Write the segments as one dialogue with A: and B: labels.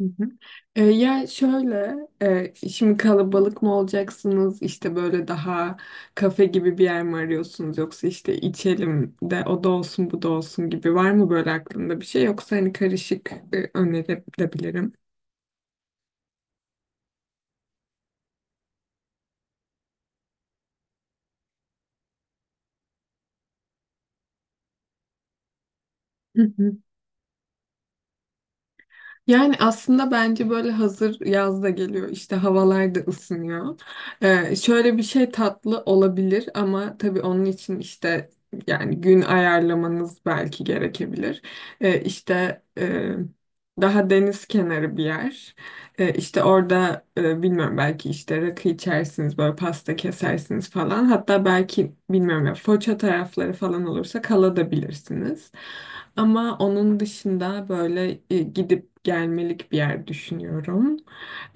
A: Hı hı. Ya şöyle, şimdi kalabalık mı olacaksınız, işte böyle daha kafe gibi bir yer mi arıyorsunuz yoksa işte içelim de o da olsun bu da olsun gibi var mı böyle aklında bir şey yoksa hani karışık önerebilirim. Hı hı. Yani aslında bence böyle hazır yaz da geliyor işte havalar da ısınıyor. Şöyle bir şey tatlı olabilir ama tabii onun için işte yani gün ayarlamanız belki gerekebilir. İşte daha deniz kenarı bir yer. E, işte orada bilmiyorum belki işte rakı içersiniz böyle pasta kesersiniz falan. Hatta belki bilmiyorum ya Foça tarafları falan olursa kalabilirsiniz. Ama onun dışında böyle gidip gelmelik bir yer düşünüyorum.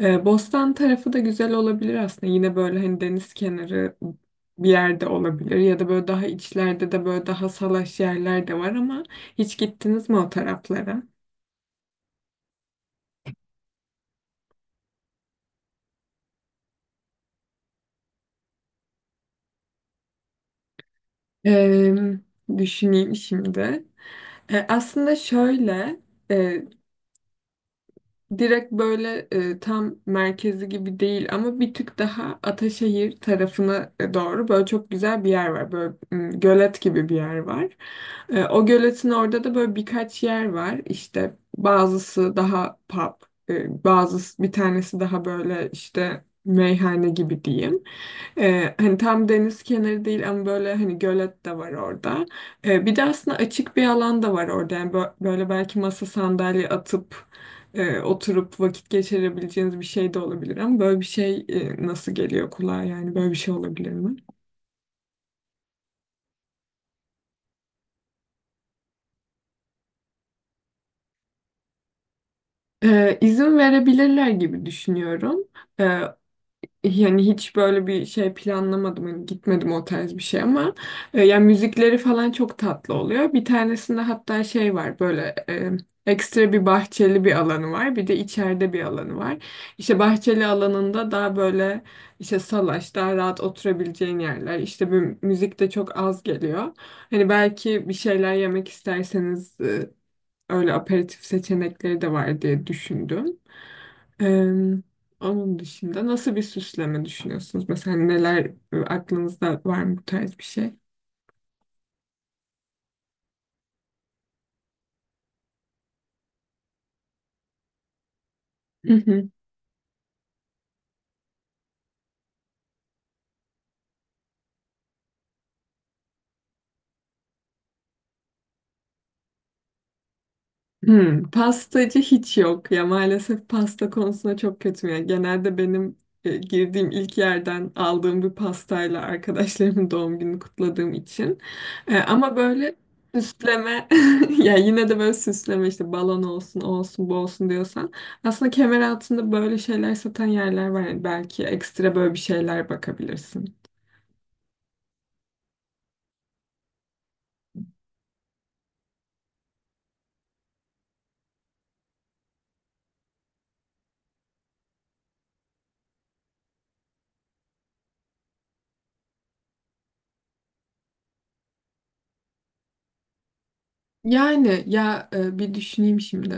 A: Bostan tarafı da güzel olabilir aslında. Yine böyle hani deniz kenarı bir yerde olabilir ya da böyle daha içlerde de böyle daha salaş yerler de var ama hiç gittiniz mi o taraflara? E, düşüneyim şimdi. Aslında şöyle, e, direkt böyle tam merkezi gibi değil ama bir tık daha Ataşehir tarafına doğru böyle çok güzel bir yer var. Böyle gölet gibi bir yer var. O göletin orada da böyle birkaç yer var. İşte bazısı daha pub, bazısı bir tanesi daha böyle işte meyhane gibi diyeyim. Hani tam deniz kenarı değil ama böyle hani gölet de var orada. Bir de aslında açık bir alan da var orada. Yani böyle belki masa sandalye atıp oturup vakit geçirebileceğiniz bir şey de olabilir ama böyle bir şey nasıl geliyor kulağa yani böyle bir şey olabilir mi? İzin verebilirler gibi düşünüyorum. Yani hiç böyle bir şey planlamadım. Hani gitmedim o tarz bir şey ama yani müzikleri falan çok tatlı oluyor. Bir tanesinde hatta şey var böyle ekstra bir bahçeli bir alanı var. Bir de içeride bir alanı var. İşte bahçeli alanında daha böyle işte salaş, daha rahat oturabileceğin yerler. İşte bir müzik de çok az geliyor. Hani belki bir şeyler yemek isterseniz öyle aperatif seçenekleri de var diye düşündüm. Eee, onun dışında nasıl bir süsleme düşünüyorsunuz? Mesela neler aklınızda var mı bu tarz bir şey? Hmm, pastacı hiç yok ya, maalesef pasta konusunda çok kötüyüm. Yani genelde benim girdiğim ilk yerden aldığım bir pastayla arkadaşlarımın doğum gününü kutladığım için. Ama böyle süsleme ya yine de böyle süsleme işte balon olsun o olsun bu olsun diyorsan aslında kemer altında böyle şeyler satan yerler var. Yani belki ekstra böyle bir şeyler bakabilirsin. Yani ya bir düşüneyim şimdi.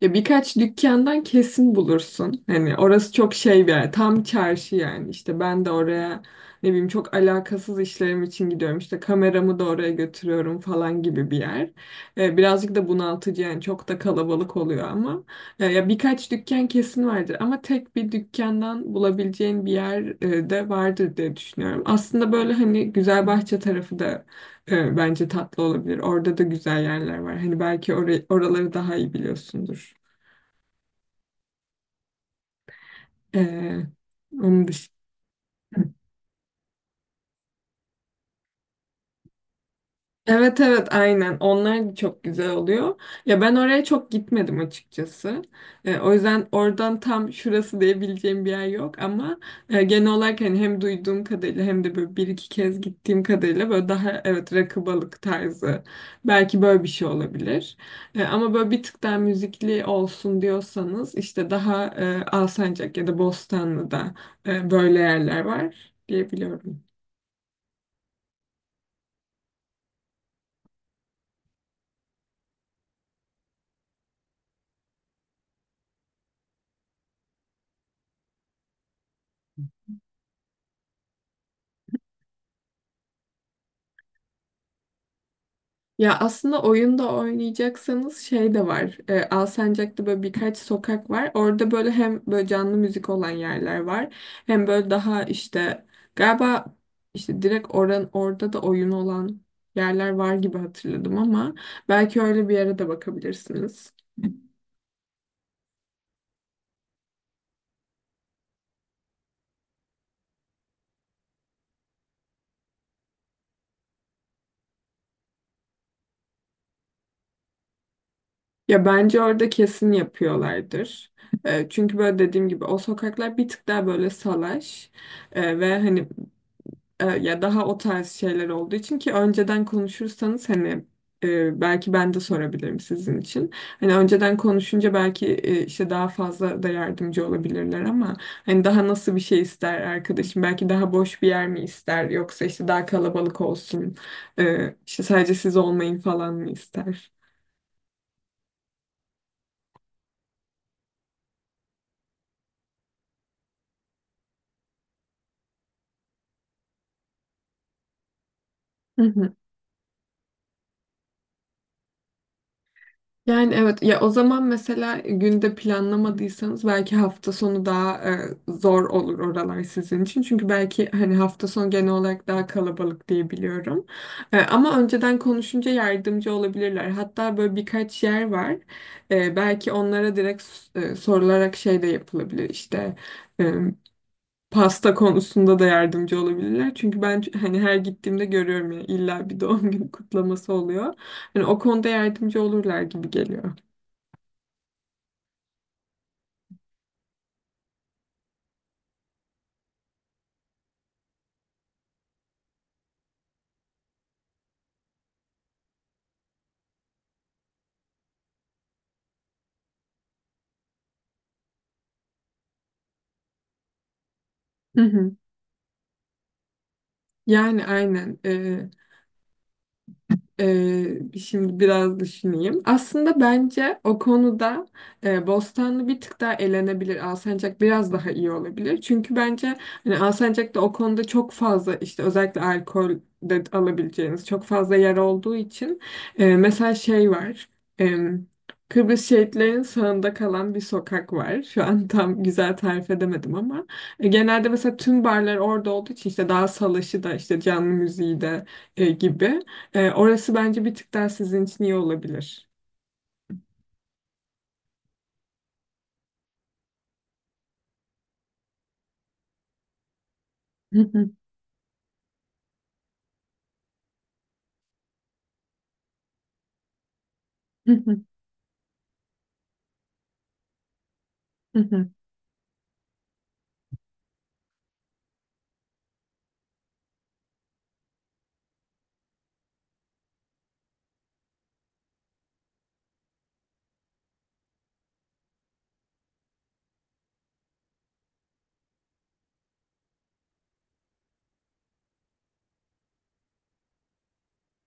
A: Ya birkaç dükkandan kesin bulursun. Hani orası çok şey bir yer. Tam çarşı yani. İşte ben de oraya ne bileyim çok alakasız işlerim için gidiyorum. İşte kameramı da oraya götürüyorum falan gibi bir yer. Birazcık da bunaltıcı yani çok da kalabalık oluyor ama. Ya birkaç dükkan kesin vardır ama tek bir dükkandan bulabileceğin bir yer de vardır diye düşünüyorum. Aslında böyle hani Güzelbahçe tarafı da bence tatlı olabilir. Orada da güzel yerler var. Hani belki orayı, oraları daha iyi biliyorsundur. E, onun dışında. Evet, evet, aynen, onlar çok güzel oluyor. Ya ben oraya çok gitmedim açıkçası. O yüzden oradan tam şurası diyebileceğim bir yer yok ama genel olarak hani hem duyduğum kadarıyla hem de böyle bir iki kez gittiğim kadarıyla böyle daha evet rakı balık tarzı belki böyle bir şey olabilir. Ama böyle bir tık daha müzikli olsun diyorsanız işte daha Alsancak ya da Bostanlı'da böyle yerler var diyebiliyorum. Ya aslında oyunda oynayacaksanız şey de var. Alsancak'ta böyle birkaç sokak var. Orada böyle hem böyle canlı müzik olan yerler var. Hem böyle daha işte galiba işte direkt orada da oyun olan yerler var gibi hatırladım ama belki öyle bir yere de bakabilirsiniz. Ya bence orada kesin yapıyorlardır. Çünkü böyle dediğim gibi o sokaklar bir tık daha böyle salaş ve hani ya daha o tarz şeyler olduğu için, ki önceden konuşursanız hani belki ben de sorabilirim sizin için. Hani önceden konuşunca belki işte daha fazla da yardımcı olabilirler ama hani daha nasıl bir şey ister arkadaşım? Belki daha boş bir yer mi ister yoksa işte daha kalabalık olsun, işte sadece siz olmayın falan mı ister? Hı hı. Yani evet ya, o zaman mesela günde planlamadıysanız belki hafta sonu daha zor olur oralar sizin için. Çünkü belki hani hafta sonu genel olarak daha kalabalık diye biliyorum. Ama önceden konuşunca yardımcı olabilirler. Hatta böyle birkaç yer var. Belki onlara direkt sorularak şey de yapılabilir, işte pasta konusunda da yardımcı olabilirler. Çünkü ben hani her gittiğimde görüyorum ya illa bir doğum günü kutlaması oluyor. Hani o konuda yardımcı olurlar gibi geliyor. Hı hı. Yani aynen. Ee, şimdi biraz düşüneyim. Aslında bence o konuda Bostanlı bir tık daha elenebilir. Alsancak biraz daha iyi olabilir. Çünkü bence hani Alsancak'ta o konuda çok fazla işte özellikle alkol de alabileceğiniz çok fazla yer olduğu için mesela şey var. Em, Kıbrıs şehitlerinin sağında kalan bir sokak var. Şu an tam güzel tarif edemedim ama genelde mesela tüm barlar orada olduğu için işte daha salaşı da işte canlı müziği de gibi. Orası bence bir tık daha sizin için iyi olabilir. Evet.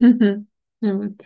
A: Evet.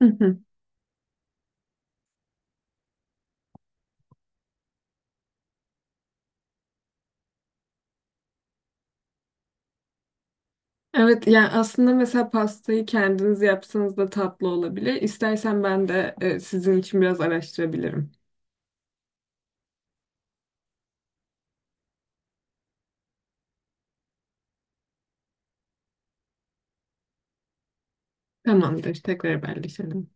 A: Hı hı. Evet, yani aslında mesela pastayı kendiniz yapsanız da tatlı olabilir. İstersen ben de sizin için biraz araştırabilirim. Tamamdır, tekrar haberleşelim.